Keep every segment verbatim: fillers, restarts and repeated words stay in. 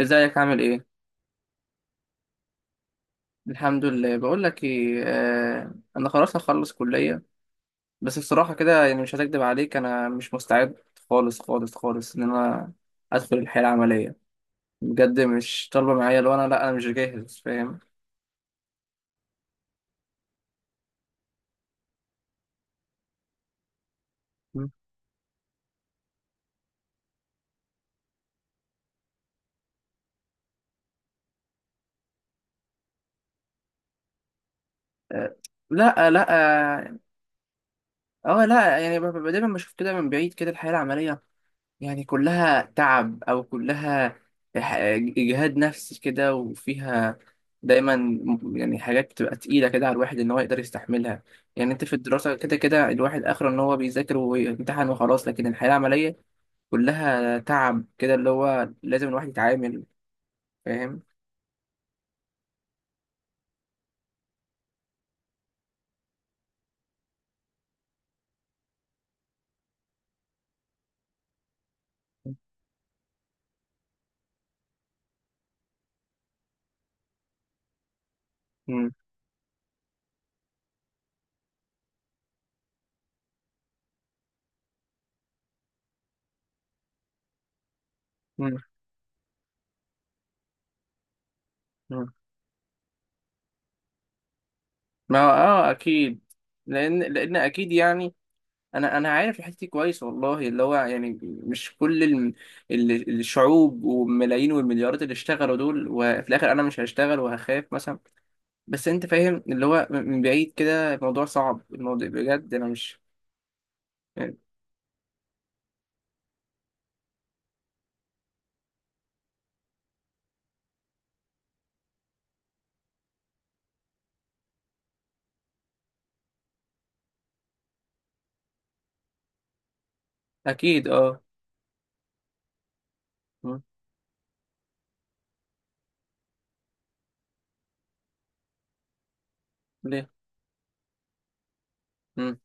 ازيك، عامل ايه؟ الحمد لله. بقول لك ايه، آه انا خلاص هخلص كليه. بس بصراحه كده، يعني مش هكدب عليك، انا مش مستعد خالص خالص خالص ان انا ادخل الحياه العمليه. بجد مش طالبه معايا. لو انا، لا انا مش جاهز، فاهم؟ مم. آه. لا، لا. اه. آه، لا، يعني ب- ب- دايما بشوف كده من بعيد كده الحياه العمليه، يعني كلها تعب، أو كلها ح- إجهاد نفسي كده، وفيها دايما م- يعني حاجات بتبقى تقيلة كده على الواحد إن هو يقدر يستحملها. يعني أنت في الدراسة كده كده الواحد آخره إن هو بيذاكر ويمتحن وخلاص، لكن الحياة العملية كلها تعب كده اللي هو لازم الواحد يتعامل، فاهم؟ مم. مم. مم. ما هو آه، أكيد. لأن لأن أكيد، يعني انا انا عارف الحته دي كويس والله، اللي هو يعني مش كل الم... ال- الشعوب والملايين والمليارات اللي اشتغلوا دول، وفي الاخر انا مش هشتغل وهخاف مثلا؟ بس انت فاهم اللي هو، من من بعيد كده الموضوع صعب، الموضوع بجد انا مش يعني. اكيد. اه. مم. ليه؟ مم.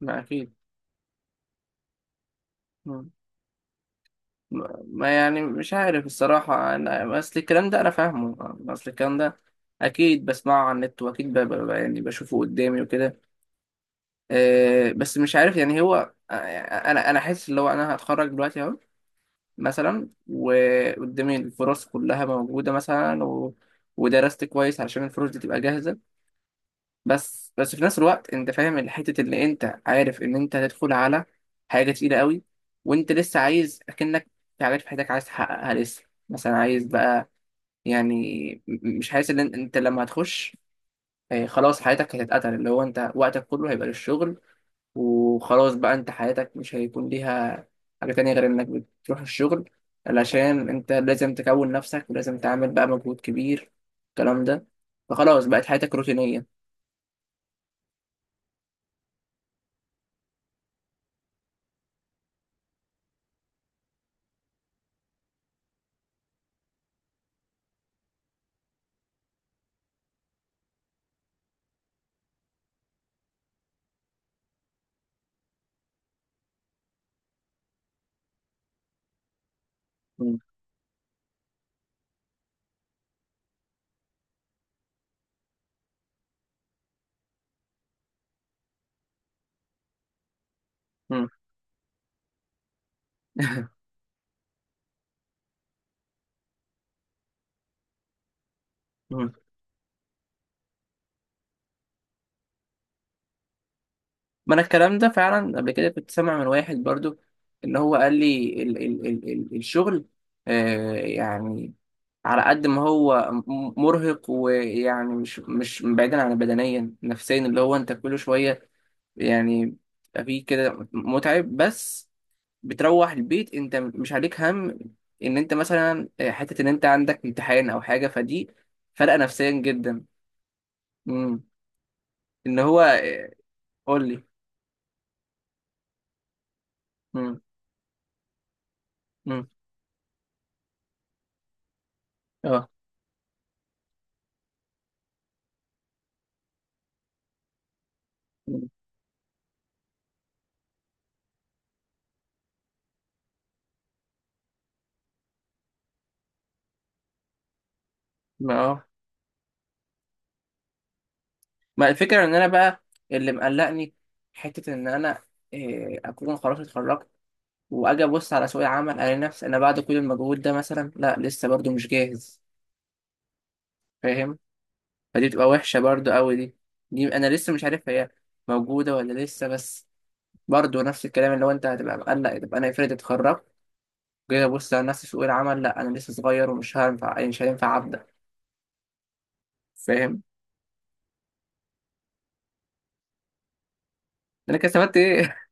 ما اكيد. مم. ما ما يعني، مش عارف الصراحه، انا اصل الكلام ده انا فاهمه. اصل الكلام ده اكيد بسمعه على النت، واكيد ب... ب... ب- يعني بشوفه قدامي وكده. آه، بس مش عارف، يعني هو، آه، يعني انا انا حاسس اللي هو انا هتخرج دلوقتي اهو مثلا، وقدامي الفرص كلها موجوده مثلا، و... ودرست كويس علشان الفرص دي تبقى جاهزه. بس بس في نفس الوقت انت فاهم الحته، اللي انت عارف ان انت هتدخل على حاجه تقيله قوي، وانت لسه عايز اكنك في حاجات في حياتك عايز تحققها لسه. مثلا عايز بقى يعني، م- مش حاسس ان انت لما هتخش، آه، خلاص حياتك هتتقتل، اللي هو انت وقتك كله هيبقى للشغل، وخلاص بقى انت حياتك مش هيكون ليها حاجة تانية غير انك بتروح الشغل، علشان انت لازم تكون نفسك، ولازم تعمل بقى مجهود كبير، الكلام ده، فخلاص بقت حياتك روتينية. مم. مم. مم. ما انا الكلام ده فعلا قبل كده كنت سامع من واحد برضو، ان هو قال لي ال ال ال ال الشغل، آه يعني على قد ما هو م- مرهق، ويعني مش مش بعيدا عن بدنيا نفسيا، اللي هو انت كل شوية يعني بيبقى فيه كده متعب، بس بتروح البيت انت مش عليك هم ان انت مثلا، آه، حتة ان انت عندك امتحان او حاجة. فدي فرقة نفسيا جدا. مم. ان هو، آه، قول لي. مم. مم. اه. مم. ما اه، ما الفكرة، ان انا بقى اللي مقلقني، حتة ان انا، إيه، اكون خلاص اتخرجت، واجي ابص على سوق العمل الاقي نفسي انا بعد كل المجهود ده مثلا، لا لسه برضو مش جاهز، فاهم؟ فدي بتبقى وحشة برضو قوي دي. دي أنا لسه مش عارف هي موجودة ولا لسه، بس برضو نفس الكلام، اللي هو أنت هتبقى مقلق. طب أنا افرض اتخرجت، جاي أبص على نفسي في سوق العمل، لأ أنا لسه صغير ومش هينفع، مش هينفع أبدأ، فاهم؟ أنا كده استفدت إيه؟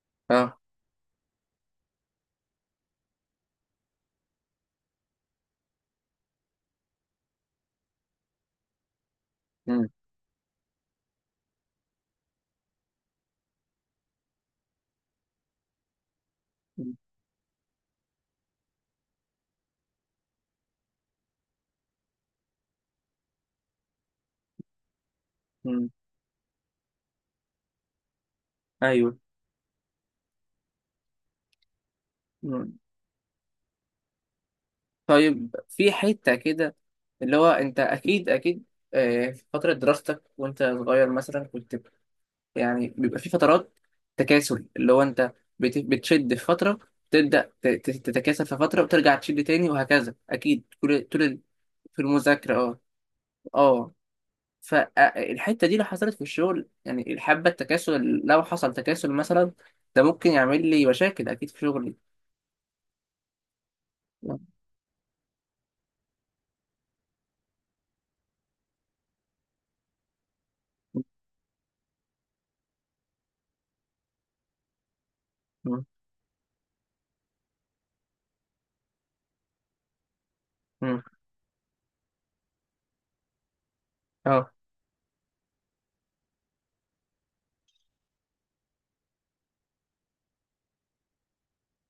أه. أمم، أمم، أيوه. أمم. طيب في حتة كده، اللي هو أنت أكيد أكيد، آه، في فترة دراستك وأنت صغير مثلا كنت يعني بيبقى في فترات تكاسل، اللي هو انت بت- بتشد في فتره، تبدا ت- ت- تتكاسل في فتره، وترجع تشد تاني وهكذا اكيد، طول طول ال- في المذاكره، اه. اه. فالحته دي لو حصلت في الشغل، يعني الحبه، التكاسل لو حصل تكاسل مثلا، ده ممكن يعمل لي مشاكل اكيد في شغلي. مم. مم. اه.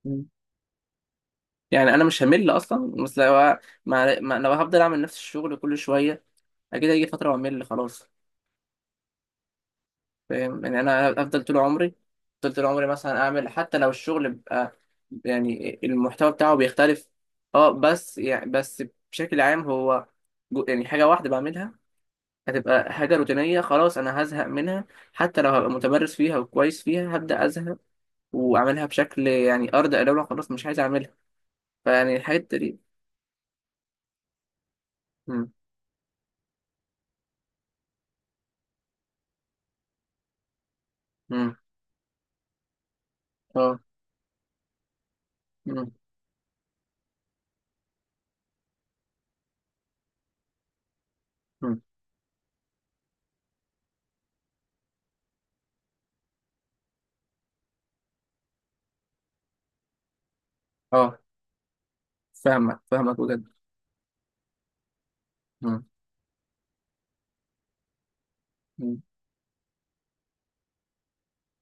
مم. يعني انا مش همل اصلا، بس لو مع... مع... لو هفضل اعمل نفس الشغل كل شويه، اكيد هيجي فتره واعمل خلاص، فاهم؟ يعني انا افضل طول عمري افضل طول عمري مثلا اعمل، حتى لو الشغل بقى يعني المحتوى بتاعه بيختلف. اه، بس يعني، بس بشكل عام هو، جو- يعني حاجة واحدة بعملها هتبقى حاجة روتينية، خلاص انا هزهق منها، حتى لو هبقى متمرس فيها وكويس فيها هبدأ ازهق، واعملها بشكل يعني ارض، لو خلاص مش عايز اعملها. فيعني الحتة دي. مم. مم. اه. مم. مم. اه. فاهمك فاهمك بجد. مم. مم.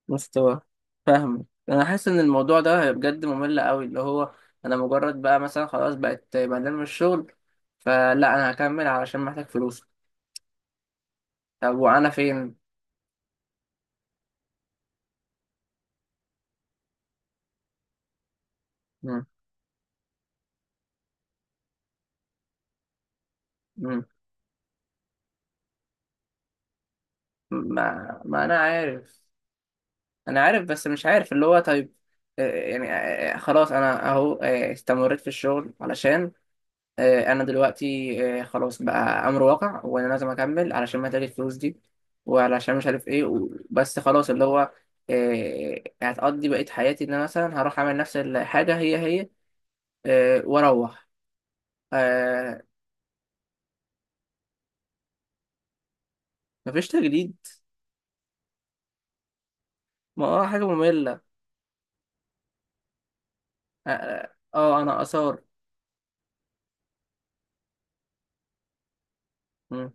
مستوى. فاهمك، انا حاسس ان الموضوع ده بجد ممل قوي، اللي هو انا مجرد بقى مثلا خلاص بقت بعدين من الشغل، فلا انا هكمل علشان محتاج فلوس. طب وانا فين؟ مم. مم. ما ما انا عارف. انا عارف، بس مش عارف اللي هو، طيب آه، يعني آه، آه، خلاص انا اهو، آه، استمريت في الشغل علشان، آه، انا دلوقتي آه، خلاص بقى امر واقع، وانا لازم اكمل علشان محتاج الفلوس دي، وعلشان مش عارف ايه و- بس خلاص اللي هو، آه، هتقضي بقية حياتي ان انا مثلا هروح اعمل نفس الحاجة هي هي، آه، واروح، آه، مفيش تجديد. ما اه، حاجة مملة. اه، آه، آه، انا اثار. مم.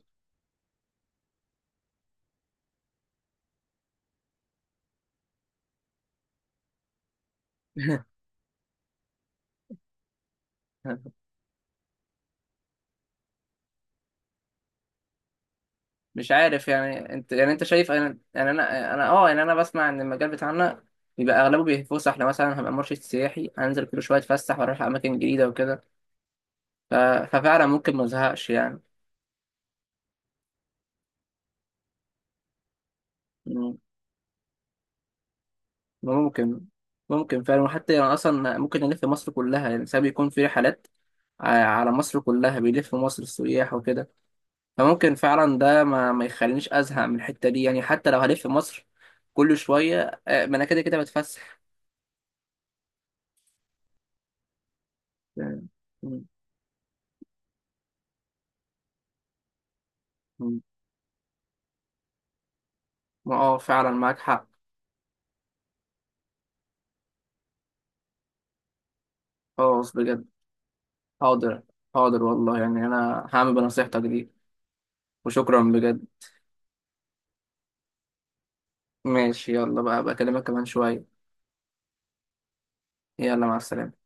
مش عارف، يعني انت، يعني انت شايف، انا يعني انا انا اه، يعني انا بسمع ان المجال بتاعنا بيبقى اغلبه بيتفسح، احنا مثلا هبقى مرشد سياحي انزل كل شويه اتفسح واروح اماكن جديده وكده. ف- ففعلا ممكن ما ازهقش يعني. مم. ممكن ممكن فعلا، وحتى يعني اصلا ممكن الف مصر كلها، يعني ساعات بيكون في رحلات ع- على مصر كلها، بيلف مصر السياح وكده، فممكن فعلا ده ما, ما يخلينيش ازهق من الحته دي، يعني حتى لو هلف مصر كل شويه، آه، ما انا كده كده بتفسح يعني. مم. مم. ما اه، فعلا معاك حق. خلاص بجد. حاضر. حاضر والله، يعني انا هعمل بنصيحتك دي، وشكرا بجد. ماشي، يلا بقى، بكلمك كمان شويه. يلا، مع السلامه.